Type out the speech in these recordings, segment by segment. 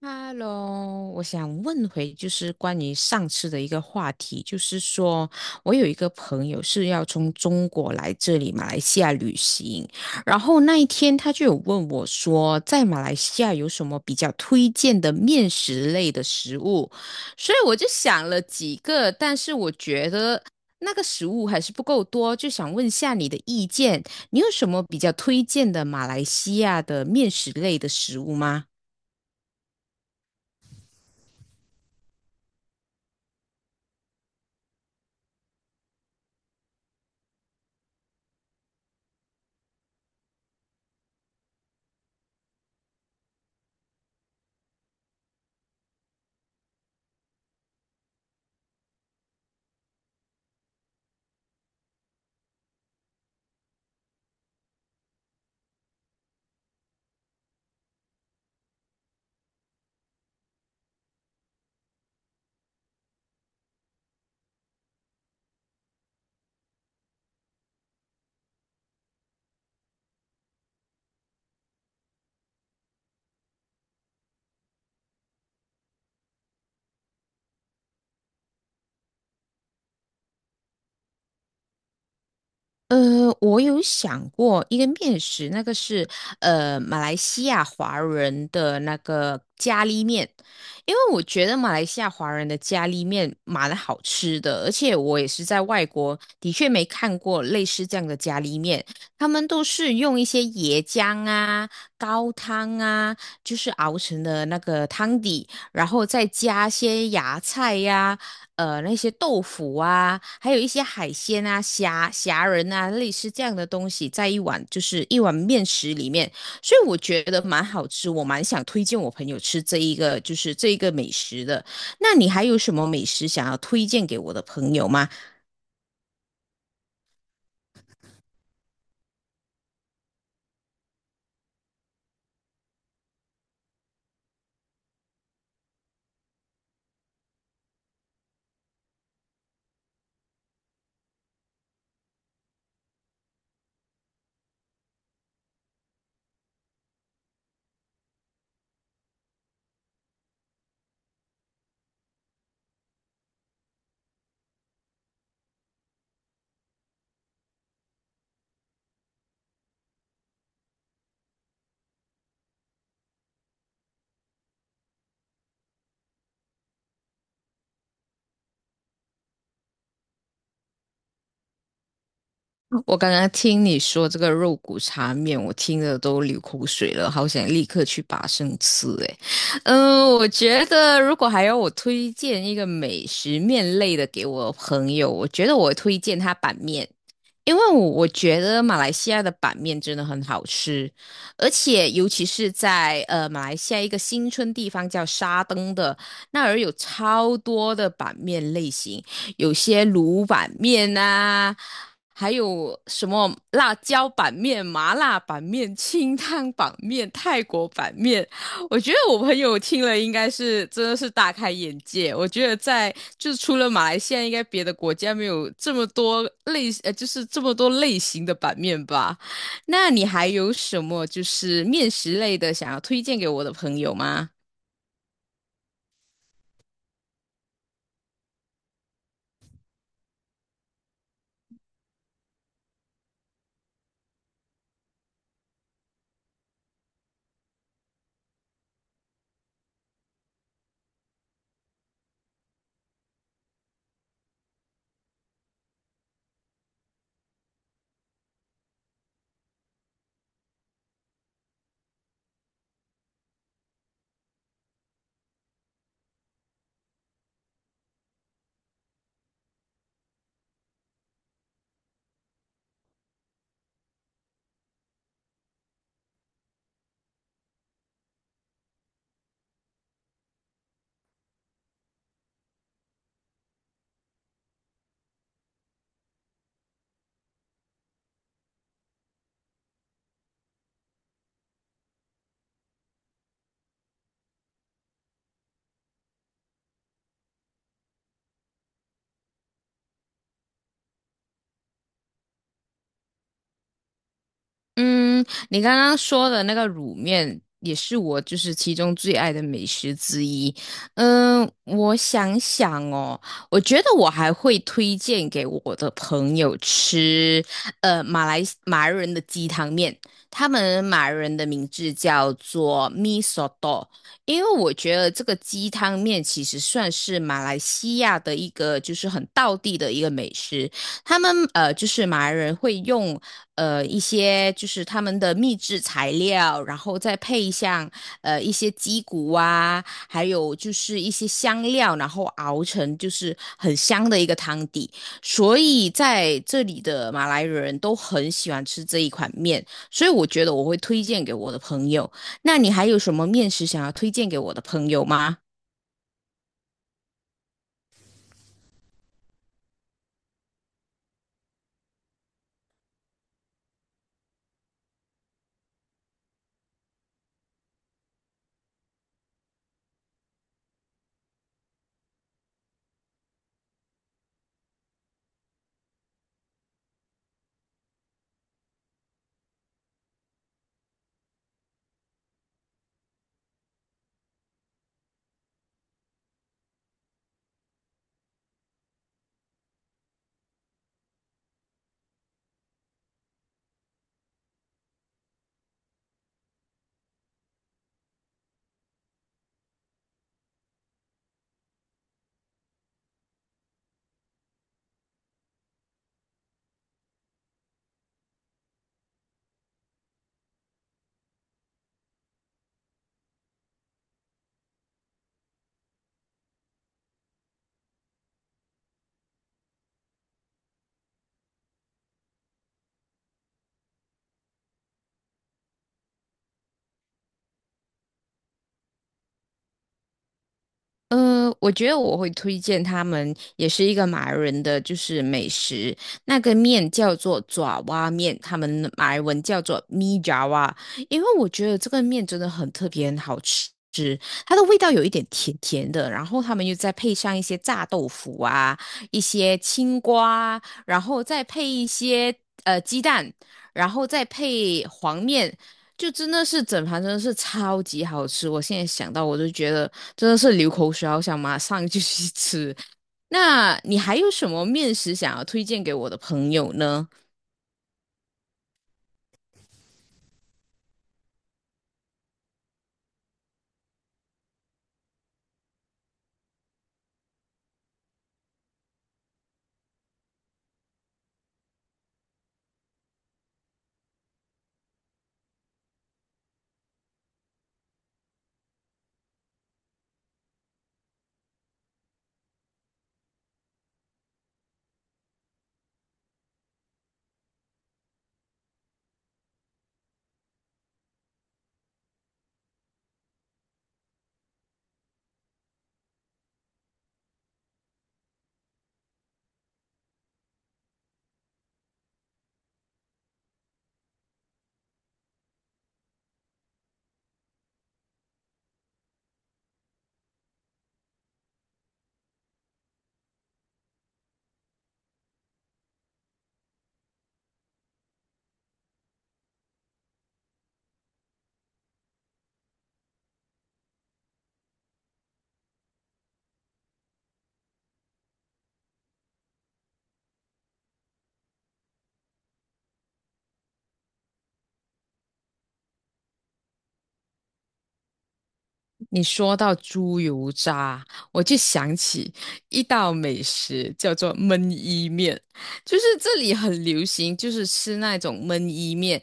Hello，我想问回就是关于上次的一个话题，就是说我有一个朋友是要从中国来这里马来西亚旅行，然后那一天他就有问我说，在马来西亚有什么比较推荐的面食类的食物，所以我就想了几个，但是我觉得那个食物还是不够多，就想问下你的意见，你有什么比较推荐的马来西亚的面食类的食物吗？我有想过一个面食，那个是马来西亚华人的那个咖喱面，因为我觉得马来西亚华人的咖喱面蛮好吃的，而且我也是在外国的确没看过类似这样的咖喱面，他们都是用一些椰浆啊、高汤啊，就是熬成的那个汤底，然后再加些芽菜呀、那些豆腐啊，还有一些海鲜啊、虾仁啊，类似这样的东西，在一碗面食里面，所以我觉得蛮好吃，我蛮想推荐我朋友吃这一个美食的。那你还有什么美食想要推荐给我的朋友吗？我刚刚听你说这个肉骨茶面，我听的都流口水了，好想立刻去拔生吃诶。嗯，我觉得如果还要我推荐一个美食面类的给我朋友，我觉得我推荐他板面。因为我觉得马来西亚的板面真的很好吃，而且尤其是在马来西亚一个新村地方叫沙登的那儿有超多的板面类型，有些卤板面啊，还有什么辣椒板面、麻辣板面、清汤板面、泰国板面，我觉得我朋友听了应该是真的是大开眼界。我觉得在就是除了马来西亚，应该别的国家没有这么多类就是这么多类型的版面吧。那你还有什么就是面食类的想要推荐给我的朋友吗？嗯，你刚刚说的那个卤面也是我就是其中最爱的美食之一。嗯，我想想哦，我觉得我还会推荐给我的朋友吃，马来人的鸡汤面，他们马来人的名字叫做 Mi Soto，因为我觉得这个鸡汤面其实算是马来西亚的一个就是很道地的一个美食。他们就是马来人会用一些就是他们的秘制材料，然后再配上一些鸡骨啊，还有就是一些香料，然后熬成就是很香的一个汤底。所以在这里的马来人都很喜欢吃这一款面，所以我觉得我会推荐给我的朋友。那你还有什么面食想要推荐给我的朋友吗？我觉得我会推荐他们，也是一个马来人的，就是美食。那个面叫做爪哇面，他们马来文叫做咪爪哇。因为我觉得这个面真的很特别，很好吃。它的味道有一点甜甜的，然后他们又再配上一些炸豆腐啊，一些青瓜，然后再配一些鸡蛋，然后再配黄面。就真的是整盘真的是超级好吃，我现在想到我都觉得真的是流口水，好想马上就去吃。那你还有什么面食想要推荐给我的朋友呢？你说到猪油渣，我就想起一道美食叫做焖伊面，就是这里很流行，就是吃那种焖伊面，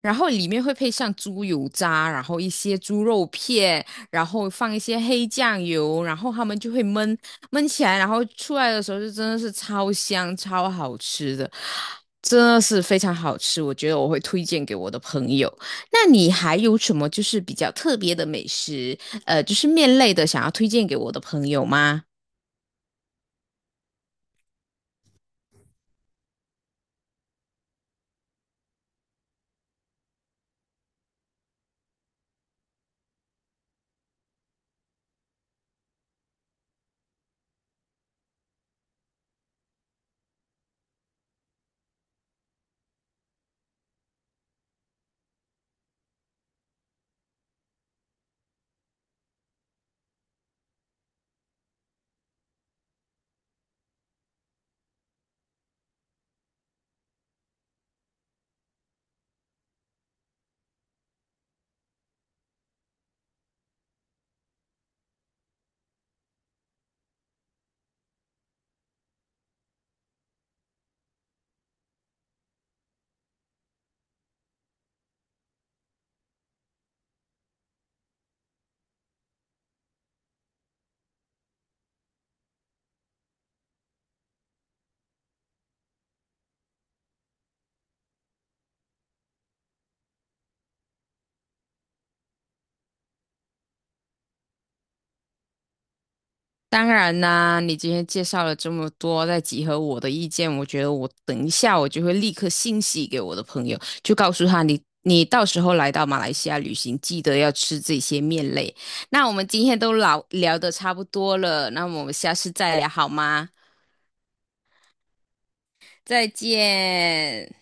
然后里面会配上猪油渣，然后一些猪肉片，然后放一些黑酱油，然后他们就会焖起来，然后出来的时候就真的是超香、超好吃的，真的是非常好吃，我觉得我会推荐给我的朋友。那你还有什么就是比较特别的美食，就是面类的，想要推荐给我的朋友吗？当然啦，你今天介绍了这么多，再集合我的意见，我觉得我等一下我就会立刻信息给我的朋友，就告诉他你到时候来到马来西亚旅行，记得要吃这些面类。那我们今天都聊得差不多了，那我们下次再聊好吗？再见。